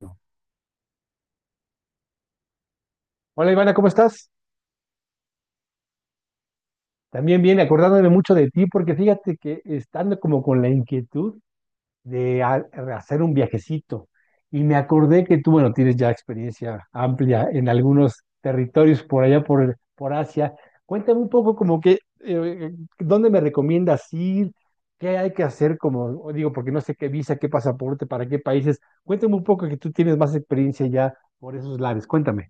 No. Hola Ivana, ¿cómo estás? También bien, acordándome mucho de ti, porque fíjate que estando como con la inquietud de hacer un viajecito, y me acordé que tú, bueno, tienes ya experiencia amplia en algunos territorios por allá, por Asia. Cuéntame un poco como que, eh, ¿dónde me recomiendas ir? ¿Qué hay que hacer? Como digo, porque no sé qué visa, qué pasaporte, para qué países. Cuéntame un poco que tú tienes más experiencia ya por esos lares. Cuéntame.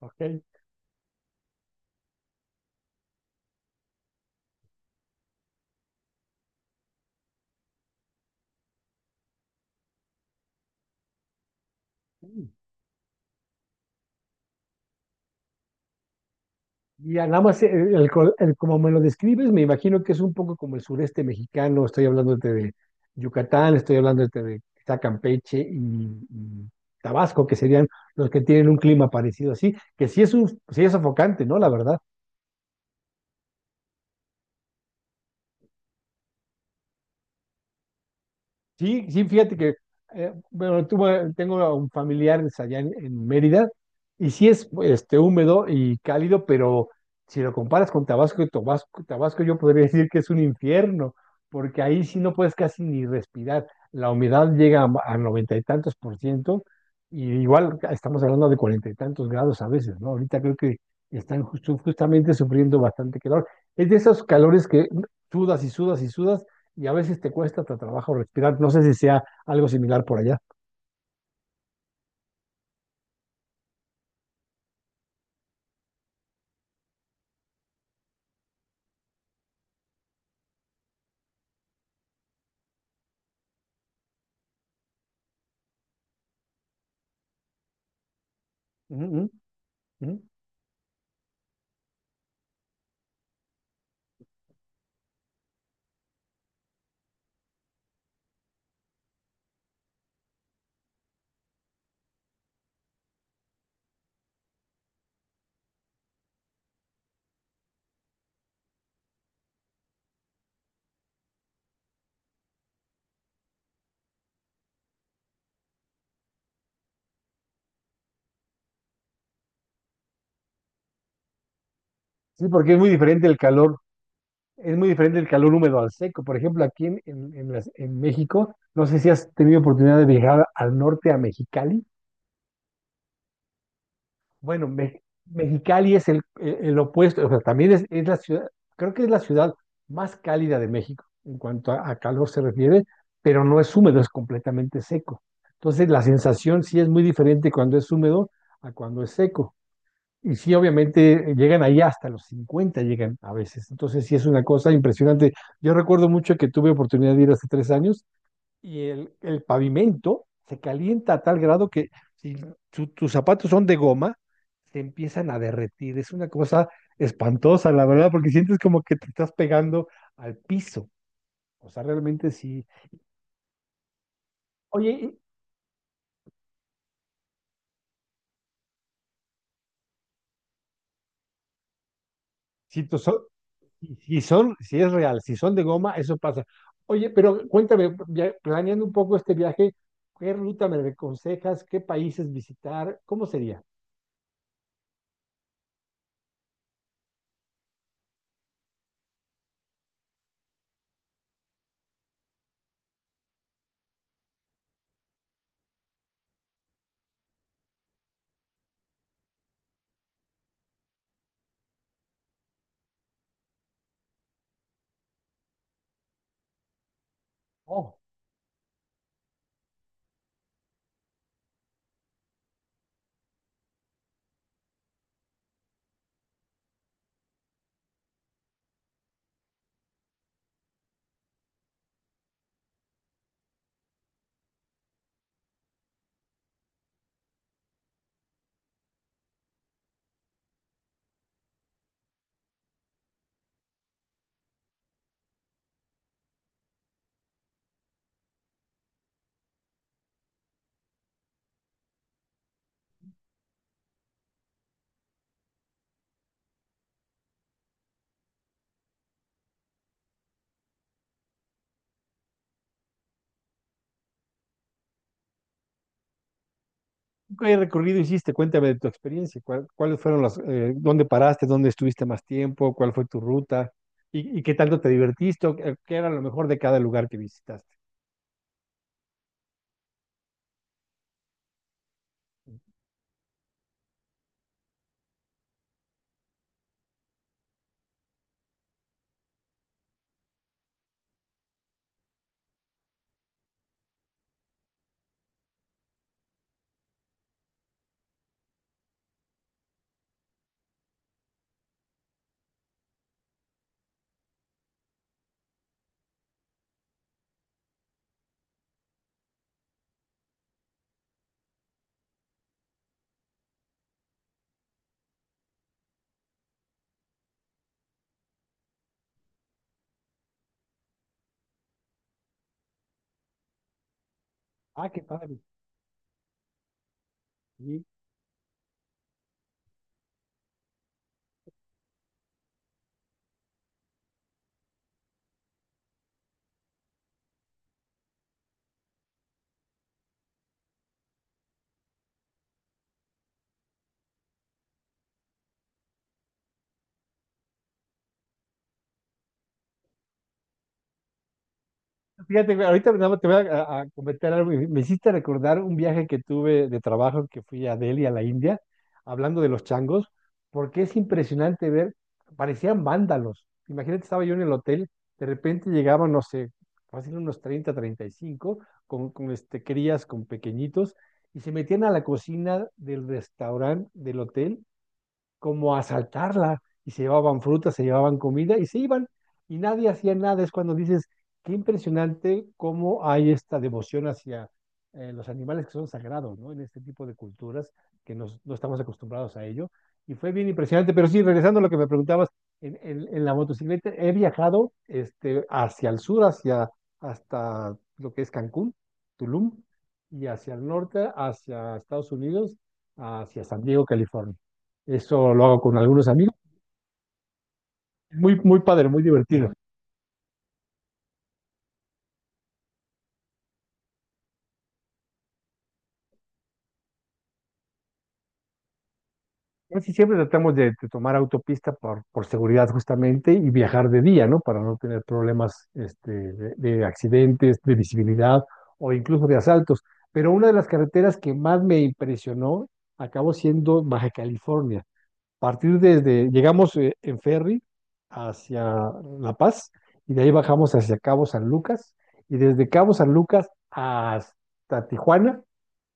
Ok. Ya, nada más, como me lo describes, me imagino que es un poco como el sureste mexicano. Estoy hablándote de Yucatán, estoy hablándote de quizá Campeche y Tabasco, que serían los que tienen un clima parecido así, que sí es un, sí es sofocante, ¿no? La verdad. Sí, sí, fíjate que, bueno, tengo a un familiar es allá en Mérida y sí es este, húmedo y cálido, pero si lo comparas con Tabasco, Tabasco, Tabasco yo podría decir que es un infierno, porque ahí sí no puedes casi ni respirar. La humedad llega a noventa y tantos por ciento y igual estamos hablando de cuarenta y tantos grados a veces, ¿no? Ahorita creo que están justamente sufriendo bastante calor. Es de esos calores que sudas y sudas y sudas y a veces te cuesta hasta trabajo respirar. No sé si sea algo similar por allá. Ujú, ujú, ujú. Sí, porque es muy diferente el calor, es muy diferente el calor húmedo al seco. Por ejemplo, aquí en las- en México, no sé si has tenido oportunidad de viajar al norte, a Mexicali. Bueno, Mexicali es el opuesto, o sea, también es la ciudad, creo que es la ciudad más cálida de México en cuanto a calor se refiere, pero no es húmedo, es completamente seco. Entonces, la sensación sí es muy diferente cuando es húmedo a cuando es seco. Y sí, obviamente llegan ahí hasta los 50 llegan a veces. Entonces sí es una cosa impresionante. Yo recuerdo mucho que tuve oportunidad de ir hace 3 años y el pavimento se calienta a tal grado que si tus zapatos son de goma, se empiezan a derretir. Es una cosa espantosa, la verdad, porque sientes como que te estás pegando al piso. O sea, realmente sí. Oye, y si tus, y si son, si es real, si son de goma, eso pasa. Oye, pero cuéntame, ya planeando un poco este viaje, ¿qué ruta me aconsejas? ¿Qué países visitar? ¿Cómo sería? Oh, ¿qué recorrido hiciste? Cuéntame de tu experiencia. ¿Cuáles fueron las, dónde paraste, dónde estuviste más tiempo, cuál fue tu ruta y qué tanto te divertiste, o qué era lo mejor de cada lugar que visitaste? Ah, qué padre. Sí. Fíjate, güey, ahorita nada más te voy a comentar algo. Y me hiciste recordar un viaje que tuve de trabajo que fui a Delhi, a la India, hablando de los changos, porque es impresionante ver, parecían vándalos. Imagínate, estaba yo en el hotel, de repente llegaban, no sé, fácil unos 30, 35, con este, crías, con pequeñitos, y se metían a la cocina del restaurante del hotel como a asaltarla y se llevaban frutas, se llevaban comida y se iban y nadie hacía nada. Es cuando dices, qué impresionante cómo hay esta devoción hacia los animales que son sagrados, ¿no? En este tipo de culturas que no estamos acostumbrados a ello. Y fue bien impresionante, pero sí, regresando a lo que me preguntabas, en la motocicleta he viajado este, hacia el sur, hacia, hasta lo que es Cancún, Tulum, y hacia el norte, hacia Estados Unidos, hacia San Diego, California. Eso lo hago con algunos amigos. Muy, muy padre, muy divertido. Casi siempre tratamos de tomar autopista por seguridad justamente y viajar de día, ¿no? Para no tener problemas este, de accidentes, de visibilidad o incluso de asaltos. Pero una de las carreteras que más me impresionó acabó siendo Baja California. Partir desde, llegamos en ferry hacia La Paz y de ahí bajamos hacia Cabo San Lucas y desde Cabo San Lucas hasta Tijuana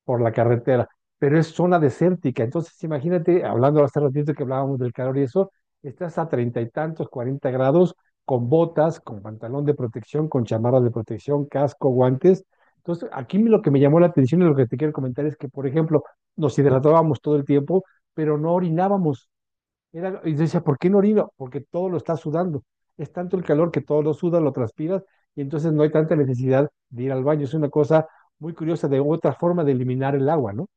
por la carretera, pero es zona desértica. Entonces, imagínate, hablando hace ratito que hablábamos del calor y eso, estás a treinta y tantos, cuarenta grados, con botas, con pantalón de protección, con chamarras de protección, casco, guantes. Entonces, aquí lo que me llamó la atención y lo que te quiero comentar es que, por ejemplo, nos hidratábamos todo el tiempo, pero no orinábamos. Era- y decía, ¿por qué no orino? Porque todo lo está sudando. Es tanto el calor que todo lo suda, lo transpiras, y entonces no hay tanta necesidad de ir al baño. Es una cosa muy curiosa de otra forma de eliminar el agua, ¿no?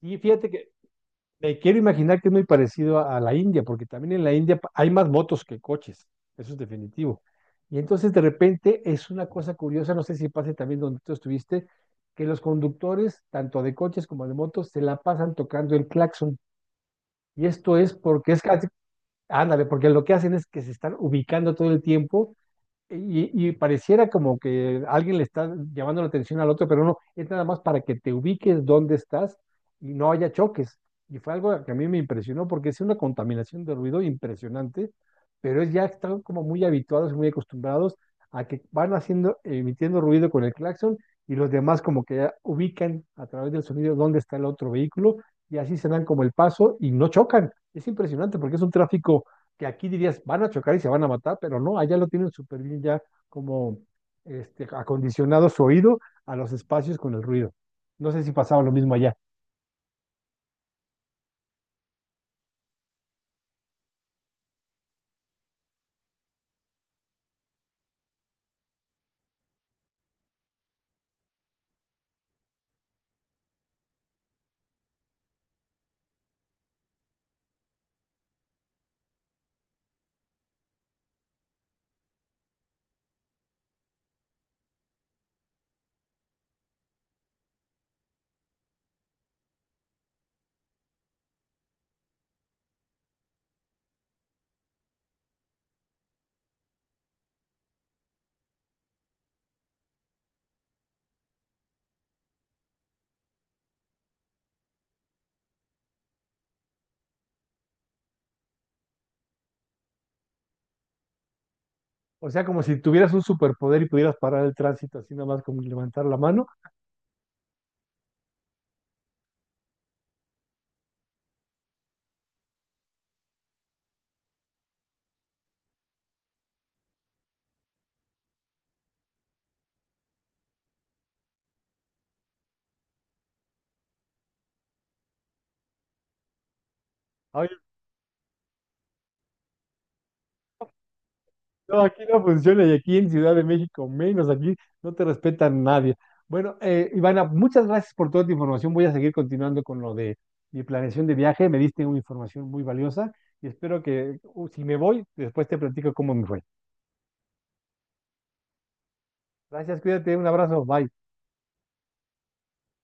Y fíjate que me quiero imaginar que es muy parecido a la India, porque también en la India hay más motos que coches, eso es definitivo. Y entonces de repente es una cosa curiosa, no sé si pase también donde tú estuviste, que los conductores, tanto de coches como de motos, se la pasan tocando el claxon. Y esto es porque es, ándale, porque lo que hacen es que se están ubicando todo el tiempo y pareciera como que alguien le está llamando la atención al otro, pero no, es nada más para que te ubiques dónde estás y no haya choques. Y fue algo que a mí me impresionó porque es una contaminación de ruido impresionante, pero es ya están como muy habituados y muy acostumbrados a que van haciendo, emitiendo ruido con el claxon y los demás como que ya ubican a través del sonido dónde está el otro vehículo y así se dan como el paso y no chocan. Es impresionante porque es un tráfico que aquí dirías, van a chocar y se van a matar, pero no, allá lo tienen súper bien ya como este, acondicionado su oído a los espacios con el ruido. No sé si pasaba lo mismo allá. O sea, como si tuvieras un superpoder y pudieras parar el tránsito así nada más como levantar la mano. Ay, no, aquí no funciona y aquí en Ciudad de México menos, aquí no te respetan nadie. Bueno, Ivana, muchas gracias por toda tu información. Voy a seguir continuando con lo de mi planeación de viaje. Me diste una información muy valiosa y espero que si me voy, después te platico cómo me fue. Gracias, cuídate, un abrazo, bye.